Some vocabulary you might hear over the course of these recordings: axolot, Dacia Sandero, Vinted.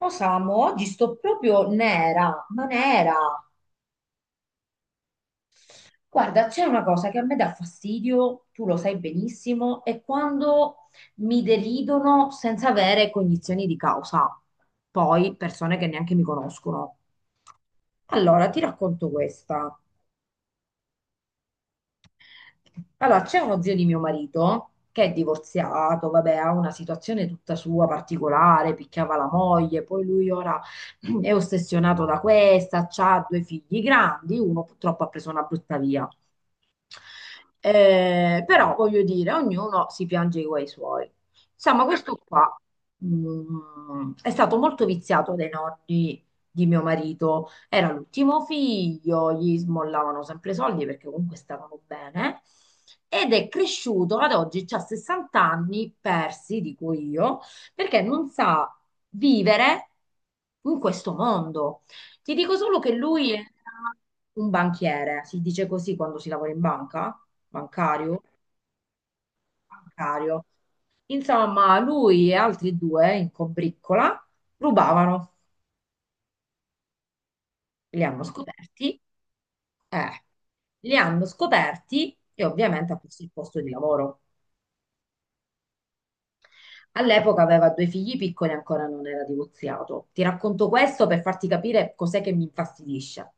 Oh Samu, oggi sto proprio nera, ma nera. Guarda, c'è una cosa che a me dà fastidio, tu lo sai benissimo, è quando mi deridono senza avere cognizioni di causa. Poi persone che neanche mi conoscono. Allora, ti racconto questa. Allora, c'è uno zio di mio marito che è divorziato, vabbè, ha una situazione tutta sua particolare, picchiava la moglie, poi lui ora è ossessionato da questa, ha due figli grandi, uno purtroppo ha preso una brutta via. Però voglio dire, ognuno si piange i guai suoi. Insomma, questo qua è stato molto viziato dai nonni di mio marito. Era l'ultimo figlio, gli smollavano sempre i soldi perché comunque stavano bene. Ed è cresciuto ad oggi, ha 60 anni persi, dico io, perché non sa vivere in questo mondo. Ti dico solo che lui era un banchiere, si dice così quando si lavora in banca, bancario, bancario. Insomma, lui e altri due in combriccola rubavano, li hanno scoperti, eh, li hanno scoperti e ovviamente ha perso il posto di lavoro. All'epoca aveva due figli piccoli e ancora non era divorziato. Ti racconto questo per farti capire cos'è che mi infastidisce.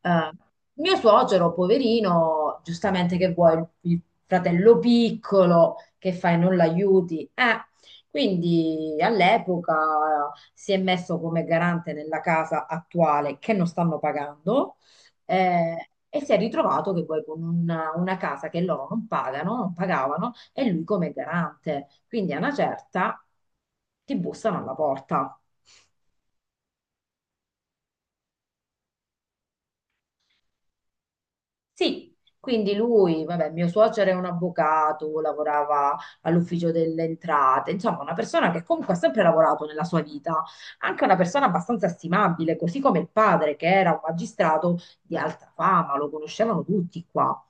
Eh, Mio suocero, poverino, giustamente che vuoi, il fratello piccolo, che fai, non l'aiuti? Quindi all'epoca si è messo come garante nella casa attuale che non stanno pagando, e si è ritrovato che poi con una casa che loro non pagano, non pagavano, e lui come garante. Quindi a una certa ti bussano alla porta. Sì. Quindi lui, vabbè, mio suocero è un avvocato, lavorava all'ufficio delle entrate, insomma, una persona che comunque ha sempre lavorato nella sua vita, anche una persona abbastanza stimabile, così come il padre, che era un magistrato di alta fama, lo conoscevano tutti qua.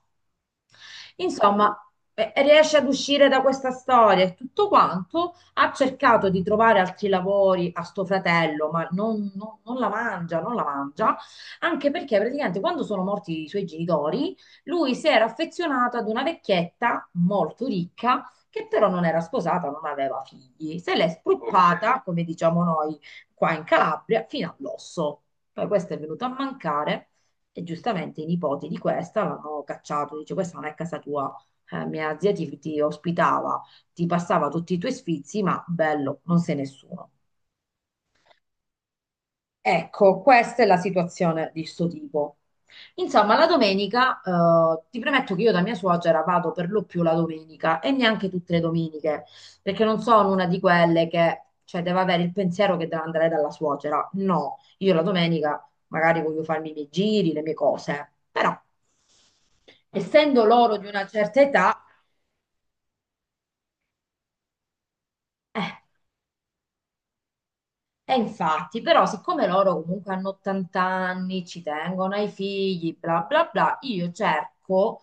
Insomma, riesce ad uscire da questa storia e tutto quanto. Ha cercato di trovare altri lavori a sto fratello, ma non la mangia, non la mangia, anche perché praticamente quando sono morti i suoi genitori, lui si era affezionato ad una vecchietta molto ricca. Che però non era sposata, non aveva figli, se l'è, ok, spruppata, come diciamo noi qua in Calabria, fino all'osso. Poi questa è venuta a mancare e giustamente i nipoti di questa l'hanno cacciato, dice questa non è casa tua, mia zia ti ospitava, ti passava tutti i tuoi sfizi, ma bello, non sei nessuno. Ecco, questa è la situazione di sto tipo. Insomma, la domenica, ti premetto che io da mia suocera vado per lo più la domenica e neanche tutte le domeniche, perché non sono una di quelle che, cioè, deve avere il pensiero che deve andare dalla suocera. No, io la domenica magari voglio farmi i miei giri, le mie cose, però essendo loro di una certa età. eh, E infatti, però, siccome loro comunque hanno 80 anni, ci tengono ai figli, bla bla bla, io cerco,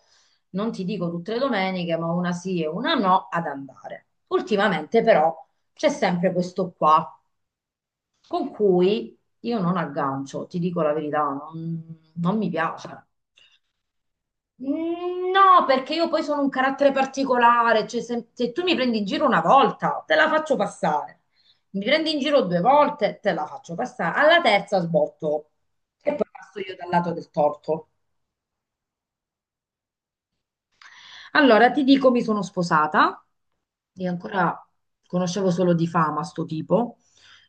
non ti dico tutte le domeniche, ma una sì e una no, ad andare. Ultimamente, però, c'è sempre questo qua, con cui io non aggancio, ti dico la verità, non mi piace. Mm, no, perché io poi sono un carattere particolare, cioè se tu mi prendi in giro una volta, te la faccio passare. Mi prendi in giro due volte, te la faccio passare. Alla terza sbotto e poi passo io dal lato del torto. Allora, ti dico, mi sono sposata e ancora conoscevo solo di fama sto tipo.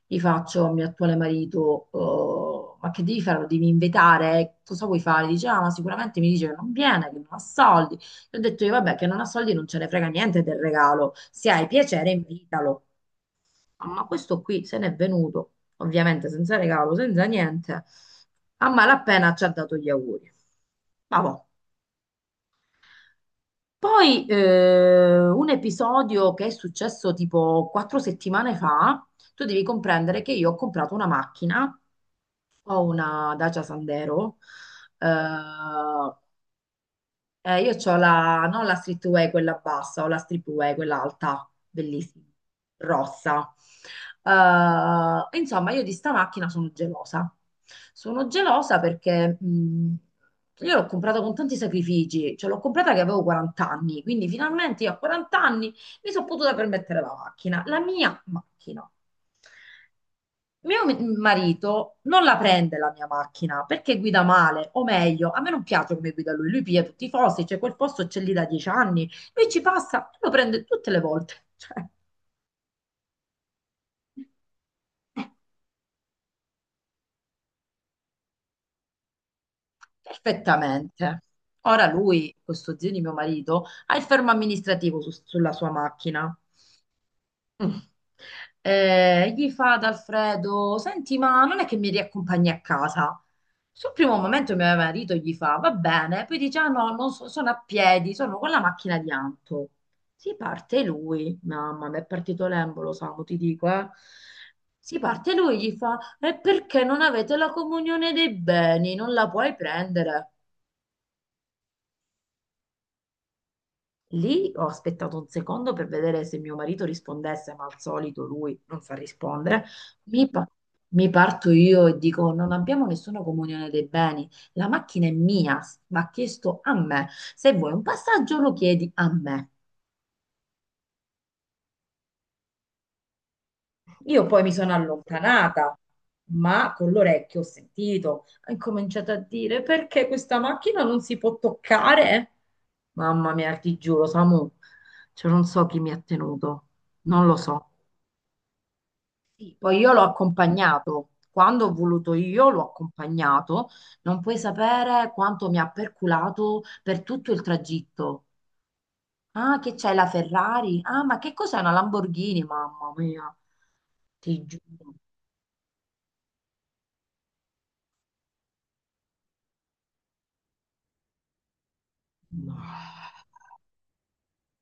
Gli faccio al mio attuale marito, "Oh, ma che devi fare? Lo devi invitare? Cosa vuoi fare?" Dice, "Ah, ma sicuramente mi dice che non viene, che non ha soldi." E ho detto io, vabbè, che non ha soldi non ce ne frega niente del regalo. Se hai piacere, invitalo. Ah, ma questo qui se n'è venuto, ovviamente senza regalo, senza niente. A malapena ci ha dato gli auguri. Ma boh, poi un episodio che è successo tipo 4 settimane fa, tu devi comprendere che io ho comprato una macchina, ho una Dacia Sandero, eh, io ho la, non la streetwear quella bassa, ho la streetwear quella alta, bellissima, rossa. Insomma, io di sta macchina sono gelosa. Sono gelosa perché io l'ho comprata con tanti sacrifici, cioè l'ho comprata che avevo 40 anni, quindi finalmente io a 40 anni mi sono potuta permettere la macchina, la mia macchina. Mio marito non la prende la mia macchina perché guida male, o meglio, a me non piace come guida lui, lui piglia tutti i fossi, cioè quel posto c'è lì da 10 anni, lui ci passa e lo prende tutte le volte, cioè perfettamente. Ora lui, questo zio di mio marito, ha il fermo amministrativo sulla sua macchina. Mm. Gli fa ad Alfredo: "Senti, ma non è che mi riaccompagni a casa?" Sul primo momento mio marito gli fa: "Va bene", poi dice: "Ah no, non so- sono a piedi, sono con la macchina di Anto." Si parte lui, mamma, mi è partito l'embolo, Samu, ti dico, eh. Si parte lui, gli fa: "E perché non avete la comunione dei beni? Non la puoi prendere." Lì ho aspettato un secondo per vedere se mio marito rispondesse, ma al solito lui non sa rispondere. Mi, pa- mi parto io e dico: "Non abbiamo nessuna comunione dei beni. La macchina è mia, va chiesto a me. Se vuoi un passaggio, lo chiedi a me." Io poi mi sono allontanata, ma con l'orecchio ho sentito. Ho incominciato a dire: "Perché questa macchina non si può toccare?" Mamma mia, ti giuro, Samu, cioè non so chi mi ha tenuto, non lo so. Poi io l'ho accompagnato, quando ho voluto io l'ho accompagnato, non puoi sapere quanto mi ha perculato per tutto il tragitto. "Ah, che c'è la Ferrari? Ah, ma che cos'è, una Lamborghini?" Mamma mia, ti giuro.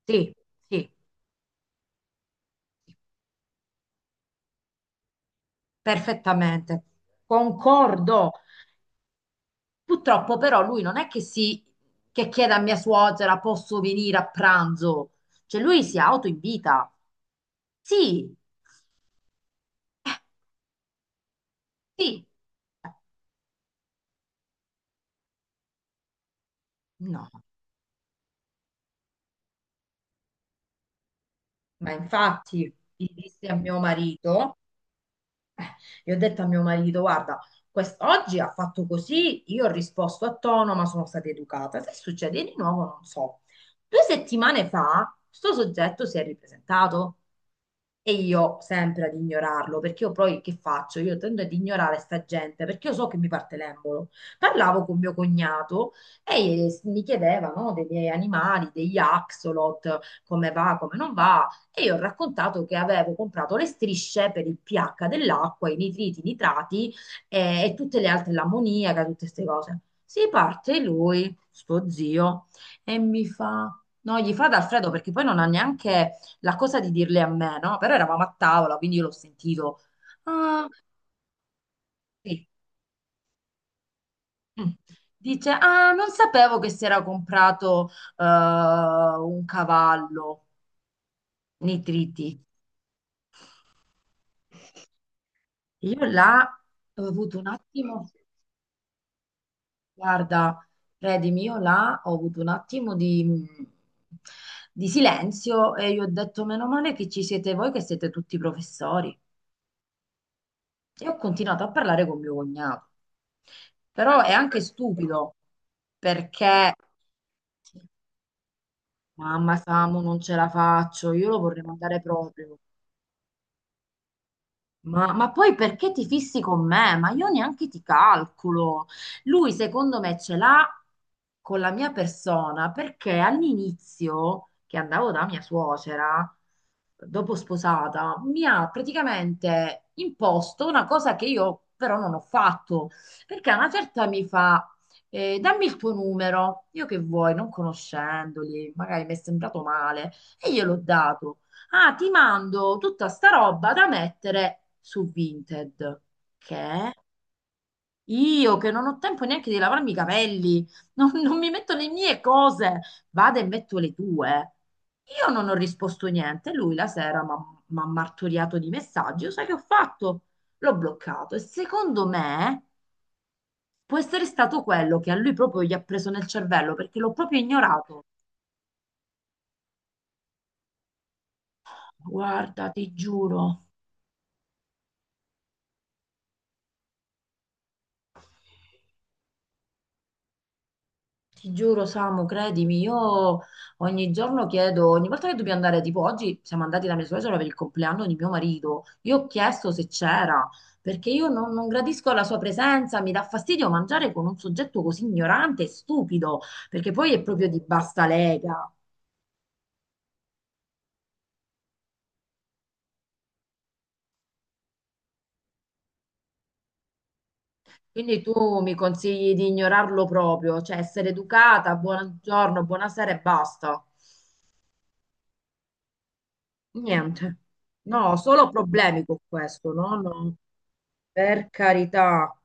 Sì, sì, perfettamente, concordo. Purtroppo però lui non è che, si, che chiede a mia suocera posso venire a pranzo, cioè lui si autoinvita. Sì, sì. No, ma infatti dissi a mio marito, gli ho detto a mio marito, guarda, oggi ha fatto così, io ho risposto a tono, ma sono stata educata. Se succede di nuovo, non so. 2 settimane fa, sto soggetto si è ripresentato. E io sempre ad ignorarlo, perché io poi che faccio? Io tendo ad ignorare sta gente, perché io so che mi parte l'embolo. Parlavo con mio cognato e mi chiedeva, no, dei miei animali, degli axolot, come va, come non va. E io ho raccontato che avevo comprato le strisce per il pH dell'acqua, i nitriti, i nitrati, e tutte le altre, l'ammoniaca, tutte queste cose. Si parte lui, sto zio, e mi fa... No, gli fa da Alfredo perché poi non ha neanche la cosa di dirle a me, no? Però eravamo a tavola, quindi io l'ho sentito. Ah, sì. Mm. Dice: "Ah, non sapevo che si era comprato un cavallo, nitriti." Io là ho avuto un attimo, guarda, credimi, io là ho avuto un attimo di silenzio e io ho detto: "Meno male che ci siete voi, che siete tutti professori." E ho continuato a parlare con mio cognato. Però è anche stupido perché, mamma, Samu, non ce la faccio, io lo vorrei mandare proprio. Ma poi perché ti fissi con me? Ma io neanche ti calcolo. Lui, secondo me, ce l'ha con la mia persona perché all'inizio, che andavo da mia suocera, dopo sposata, mi ha praticamente imposto una cosa che io però non ho fatto. Perché a una certa mi fa, "Dammi il tuo numero." Io che vuoi, non conoscendoli, magari mi è sembrato male. E gliel'ho dato. "Ah, ti mando tutta sta roba da mettere su Vinted." Che io che non ho tempo neanche di lavarmi i capelli, non mi metto le mie cose, vado e metto le tue. Io non ho risposto niente. Lui la sera mi ha martoriato di messaggi. Io sai che ho fatto? L'ho bloccato. E secondo me può essere stato quello che a lui proprio gli ha preso nel cervello perché l'ho proprio ignorato. Guarda, ti giuro. Ti giuro, Samu, credimi, io ogni giorno chiedo, ogni volta che dobbiamo andare, tipo oggi siamo andati da mia suocera per il compleanno di mio marito, io ho chiesto se c'era, perché io non gradisco la sua presenza, mi dà fastidio mangiare con un soggetto così ignorante e stupido, perché poi è proprio di bassa lega. Quindi tu mi consigli di ignorarlo proprio, cioè essere educata, buongiorno, buonasera e basta. Niente. No, solo problemi con questo, no, no. Per carità.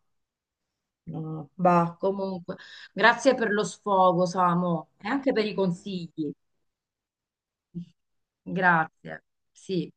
No, bah, comunque, grazie per lo sfogo, Samo, e anche per i consigli. Grazie. Sì.